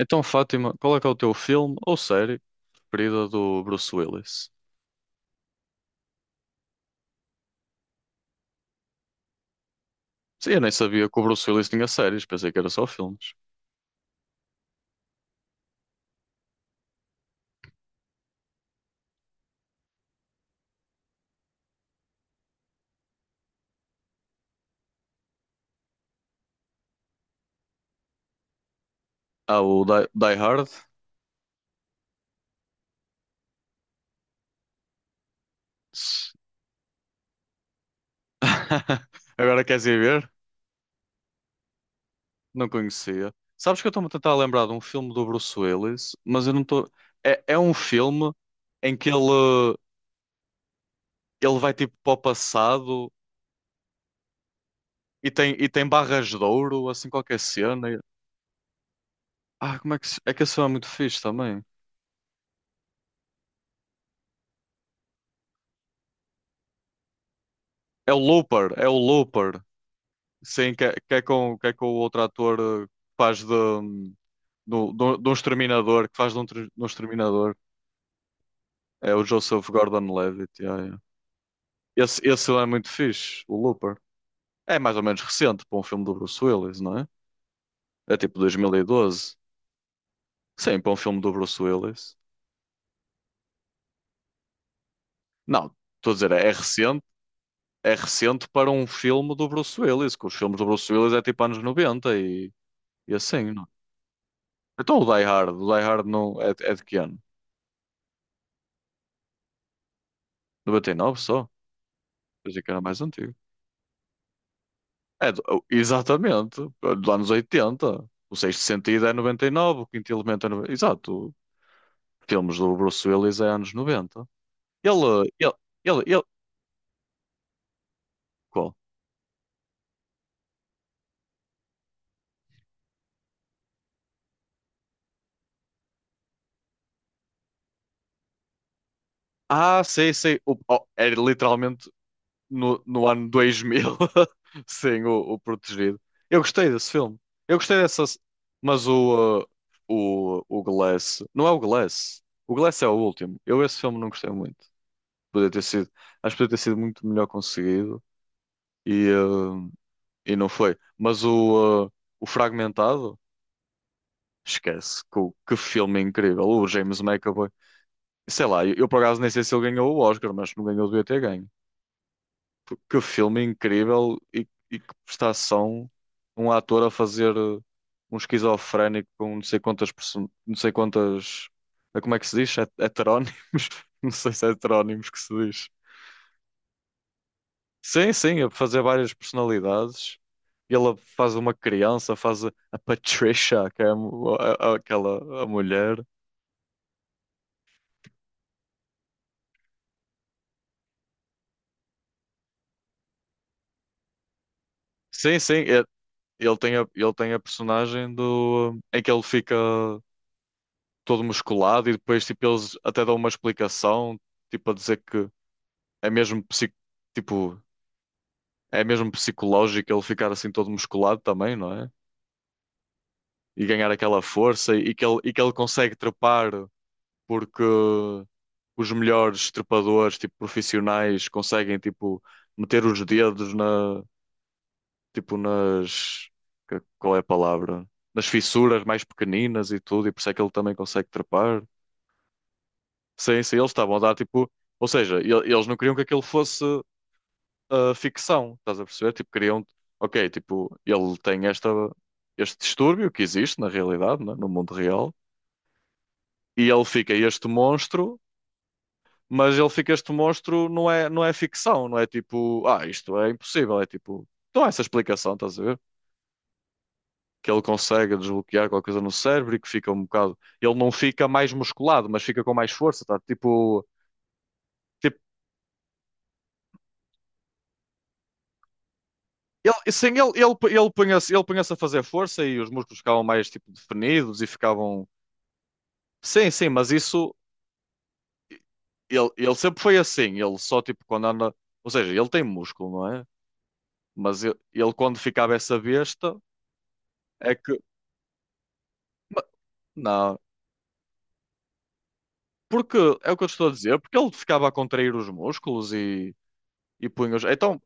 Então, Fátima, qual é que é o teu filme ou série preferida do Bruce Willis? Sim, eu nem sabia que o Bruce Willis tinha séries, pensei que era só filmes. Ah, o Die Hard. Agora queres ir ver? Não conhecia. Sabes que eu estou-me a tentar lembrar de um filme do Bruce Willis, mas eu não estou. É um filme em que ele vai tipo para o passado e tem barras de ouro, assim qualquer cena. Ah, como é que. Se- É que esse filme é muito fixe também. É o Looper. Sim, que é com o outro ator que faz de um exterminador, que faz de um, tre- de um exterminador. É o Joseph Gordon-Levitt. Yeah, yeah. Esse é muito fixe, o Looper. É mais ou menos recente para um filme do Bruce Willis, não é? É tipo 2012. Sim, para um filme do Bruce Willis. Não, estou a dizer, é recente. É recente para um filme do Bruce Willis, que os filmes do Bruce Willis é tipo anos 90 e assim, não? é? Então o Die Hard não, é, é de que ano? 99 só? Eu que era mais antigo. É, do- oh, exatamente. Lá nos 80, O Sexto Sentido é 99, o Quinto Elemento é 90. Exato. Filmes do Bruce Willis é anos 90. Ele, ele, ele. Qual? Ah, sei, sei. O, oh, era literalmente no, no ano 2000. Sim, o Protegido. Eu gostei desse filme. Eu gostei dessa. Mas o Glass. Não é o Glass. O Glass é o último. Eu esse filme não gostei muito. Podia ter sido. Acho que podia ter sido muito melhor conseguido. e, eh, e não foi. Mas o, o Fragmentado, esquece, que filme incrível. O James McAvoy, sei lá, eu por acaso nem sei se ele ganhou o Oscar, mas se não ganhou, devia ter ganho. Porque que filme incrível e que prestação um ator a fazer um esquizofrénico com não sei quantas, perso- não sei quantas, como é que se diz? Het- Heterónimos? Não sei se é heterónimos que se diz. Sim, sim, a fazer várias personalidades. E ela faz uma criança, faz a Patricia, que é a mu- a- aquela a mulher. Sim, sim, é- ele tem a personagem do, em que ele fica todo musculado e depois tipo, eles até dão uma explicação, tipo a dizer que é mesmo, psic, tipo, é mesmo psicológico ele ficar assim todo musculado também, não é? E ganhar aquela força e que ele consegue trepar porque os melhores trepadores, tipo, profissionais, conseguem, tipo, meter os dedos na, tipo, nas, que- qual é a palavra? Nas fissuras mais pequeninas e tudo, e por isso é que ele também consegue trepar. Sim, sim, eles estavam a dar, tipo, ou seja, ele- eles não queriam que aquilo fosse ah, ficção, estás a perceber? Tipo, queriam, ok, tipo, ele tem esta, este distúrbio que existe na realidade, né, no mundo real, e ele fica este monstro, mas ele fica este monstro, não é, não é ficção, não é tipo, ah, isto é impossível, é tipo, não há essa explicação, estás a ver? Que ele consegue desbloquear qualquer coisa no cérebro e que fica um bocado, ele não fica mais musculado, mas fica com mais força, tá? Tipo, tipo ele punha-se, ele punha-se a fazer força e os músculos ficavam mais tipo definidos e ficavam, sim, sim, mas isso, ele sempre foi assim, ele só tipo quando anda, ou seja, ele tem músculo, não é? Mas ele quando ficava essa besta, é que, não, porque é o que eu te estou a dizer, porque ele ficava a contrair os músculos e punha os. Então,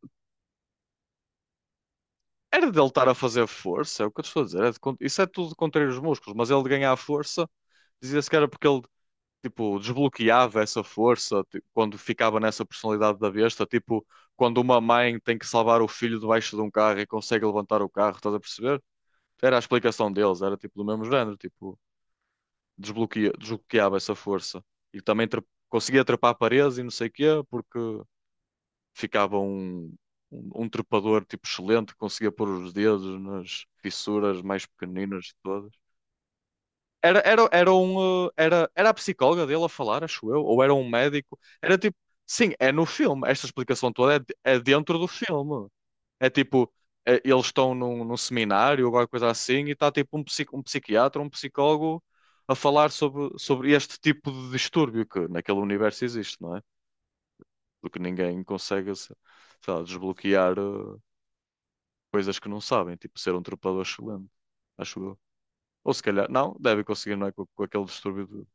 era dele estar a fazer força, é o que eu te estou a dizer. É de con- isso é tudo de contrair os músculos, mas ele de ganhar força dizia-se que era porque ele tipo, desbloqueava essa força ti- quando ficava nessa personalidade da besta. Tipo, quando uma mãe tem que salvar o filho debaixo de um carro e consegue levantar o carro, estás a perceber? Era a explicação deles, era tipo do mesmo género, tipo, desbloqueava essa força. E também tra- conseguia trepar paredes e não sei o quê, porque ficava um trepador tipo excelente, que conseguia pôr os dedos nas fissuras mais pequeninas de todas. Era, era, era, um, eh, era, era a psicóloga dele a falar, acho eu, ou era um médico. Era tipo, sim, é no filme. Esta explicação toda é, de- é dentro do filme. É tipo, eles estão num, num seminário, ou alguma coisa assim, e está tipo um, psico, um psiquiatra, um psicólogo a falar sobre, sobre este tipo de distúrbio que naquele universo existe, não é? Porque ninguém consegue, se- sei lá, desbloquear coisas que não sabem, tipo ser um trepador excelente, acho eu. Ou se calhar, não, deve conseguir, não é? Com aquele distúrbio.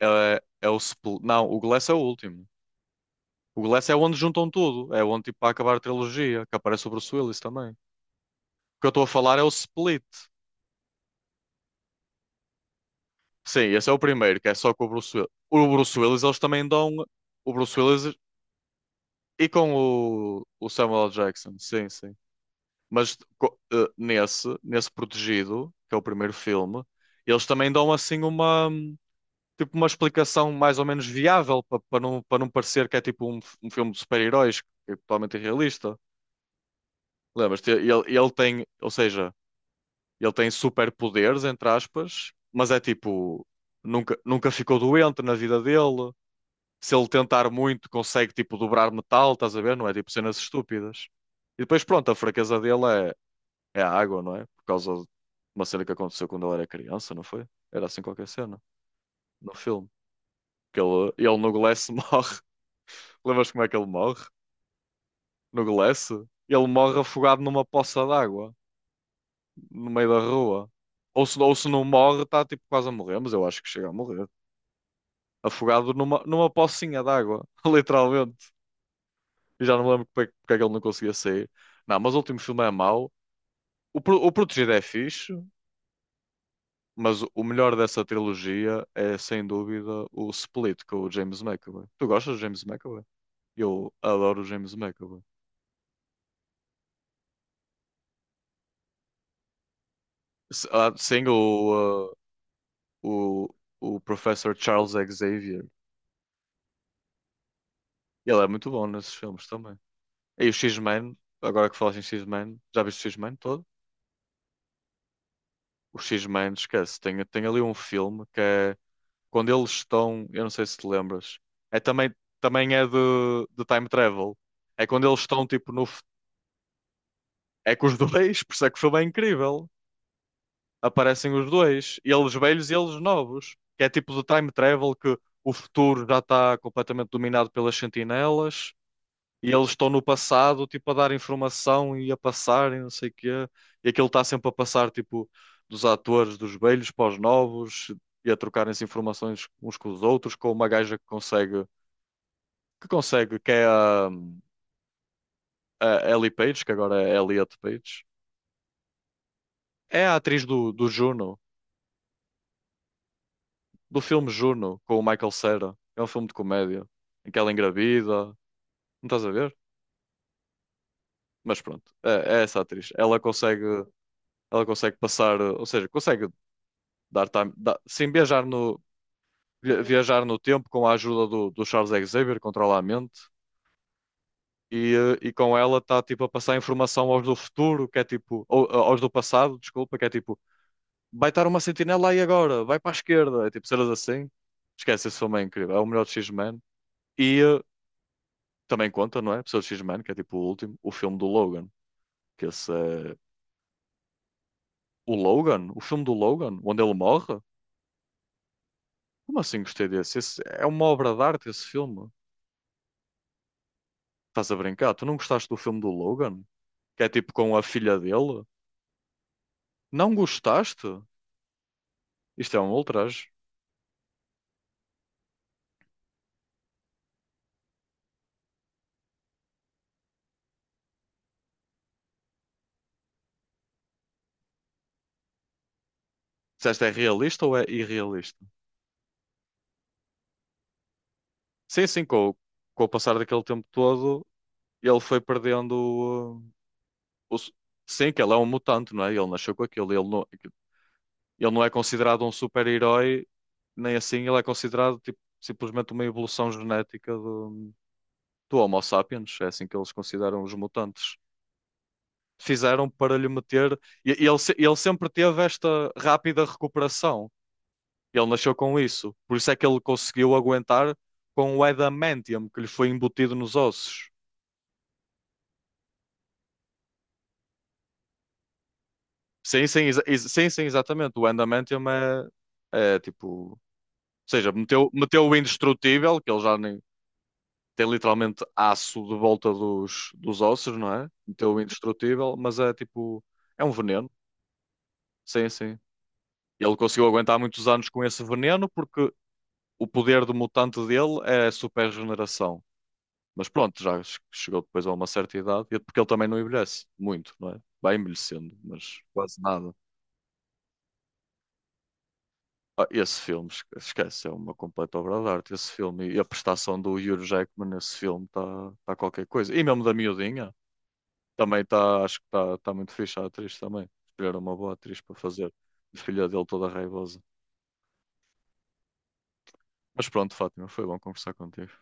É, é é o. Spl- Não, o Glass é o último. O Glass é onde juntam tudo. É onde, tipo, para acabar a trilogia, que aparece o Bruce Willis também. O que eu estou a falar é o Split. Sim, esse é o primeiro, que é só com o Bruce Willis. O Bruce Willis, eles também dão. O Bruce Willis e com o Samuel L. Jackson. Sim, sim. Mas co- nesse, nesse Protegido, que é o primeiro filme, eles também dão assim uma, tipo, uma explicação mais ou menos viável para para não parecer que é tipo um, f- um filme de super-heróis, que é totalmente irrealista. Lembras-te? Ele tem, ou seja, ele tem superpoderes, entre aspas, mas é tipo, nunca, nunca ficou doente na vida dele. Se ele tentar muito, consegue tipo dobrar metal, estás a ver? Não é tipo cenas estúpidas. E depois, pronto, a fraqueza dele é, é a água, não é? Por causa de uma cena que aconteceu quando ele era criança, não foi? Era assim qualquer cena no filme. Que ele no Glass morre. Lembras como é que ele morre? No Glass? Ele morre afogado numa poça d'água, no meio da rua. Ou se não morre, está tipo quase a morrer, mas eu acho que chega a morrer. Afogado numa, numa pocinha d'água, literalmente. E já não me lembro porque é que ele não conseguia sair. Não, mas o último filme é mau. O, Pro- o Protegido é fixe. Mas o melhor dessa trilogia é, sem dúvida, o Split com o James McAvoy. Tu gostas do James McAvoy? Eu adoro o James McAvoy. S- ah, sim, o, ah, o, o Professor Charles Xavier. Ele é muito bom nesses filmes também. E o X-Men, agora que falas em X-Men, já viste o X-Men todo? O X-Men, esquece, tem ali um filme que é quando eles estão, eu não sei se te lembras, é também, também é de time travel. É quando eles estão tipo no, é que os dois, por isso é que o filme é incrível. Aparecem os dois, eles velhos e eles novos. Que é tipo do time travel que o futuro já está completamente dominado pelas sentinelas e eles estão no passado, tipo, a dar informação e a passar e não sei o quê. E aquilo está sempre a passar, tipo, dos atores, dos velhos para os novos e a trocarem-se informações uns com os outros, com uma gaja que consegue, que consegue, que é a Ellie Page, que agora é Elliot Page. É a atriz do, do Juno. Do filme Juno com o Michael Cera. É um filme de comédia em que ela engravida. Não estás a ver? Mas pronto, é essa atriz. Ela consegue passar, ou seja, consegue dar time, dar- sim, viajar no, vi- viajar no tempo com a ajuda do, do Charles Xavier, controla a mente. E com ela está tipo a passar informação aos do futuro, que é tipo, ou- aos do passado, desculpa, que é tipo, vai estar uma sentinela aí agora, vai para a esquerda, é tipo cenas assim. Esquece, esse filme é incrível, é o melhor de X-Men. E, eh, Também conta, não é? Pessoas X-Men, que é tipo o último, o filme do Logan. Que esse é... O Logan? O filme do Logan? Onde ele morre? Como assim gostei desse? Esse é uma obra de arte esse filme. Estás a brincar? Tu não gostaste do filme do Logan? Que é tipo com a filha dele? Não gostaste? Isto é um ultraje. Disseste é realista ou é irrealista? Sim, sim, com o passar daquele tempo todo, ele foi perdendo o, s- sim, que ele é um mutante, não é? Ele nasceu com aquilo. Ele não é considerado um super-herói, nem assim ele é considerado tipo, simplesmente uma evolução genética do, do Homo sapiens. É assim que eles consideram os mutantes. Fizeram para lhe meter. E ele, se- ele sempre teve esta rápida recuperação. Ele nasceu com isso. Por isso é que ele conseguiu aguentar com o adamantium que lhe foi embutido nos ossos. Sim, sim, exa- ex- sim, sim, exatamente. O adamantium é, é tipo. Ou seja, meteu o indestrutível, que ele já nem. Tem literalmente aço de volta dos, dos ossos, não é? Então indestrutível, mas é tipo, é um veneno. Sim, sim. Ele conseguiu aguentar muitos anos com esse veneno porque o poder do mutante dele é a super regeneração. Mas pronto, já che- chegou depois a uma certa idade, e- é porque ele também não envelhece muito, não é? Vai envelhecendo, mas quase nada. Ah, esse filme, esque- esquece, é uma completa obra de arte. Esse filme e a prestação do Hugh Jackman nesse filme está tá tá qualquer coisa. E mesmo da miudinha. Também está, acho que está muito fixe a atriz também. Escolheram uma boa atriz para fazer de filha dele toda raivosa. Mas pronto, Fátima, foi bom conversar contigo.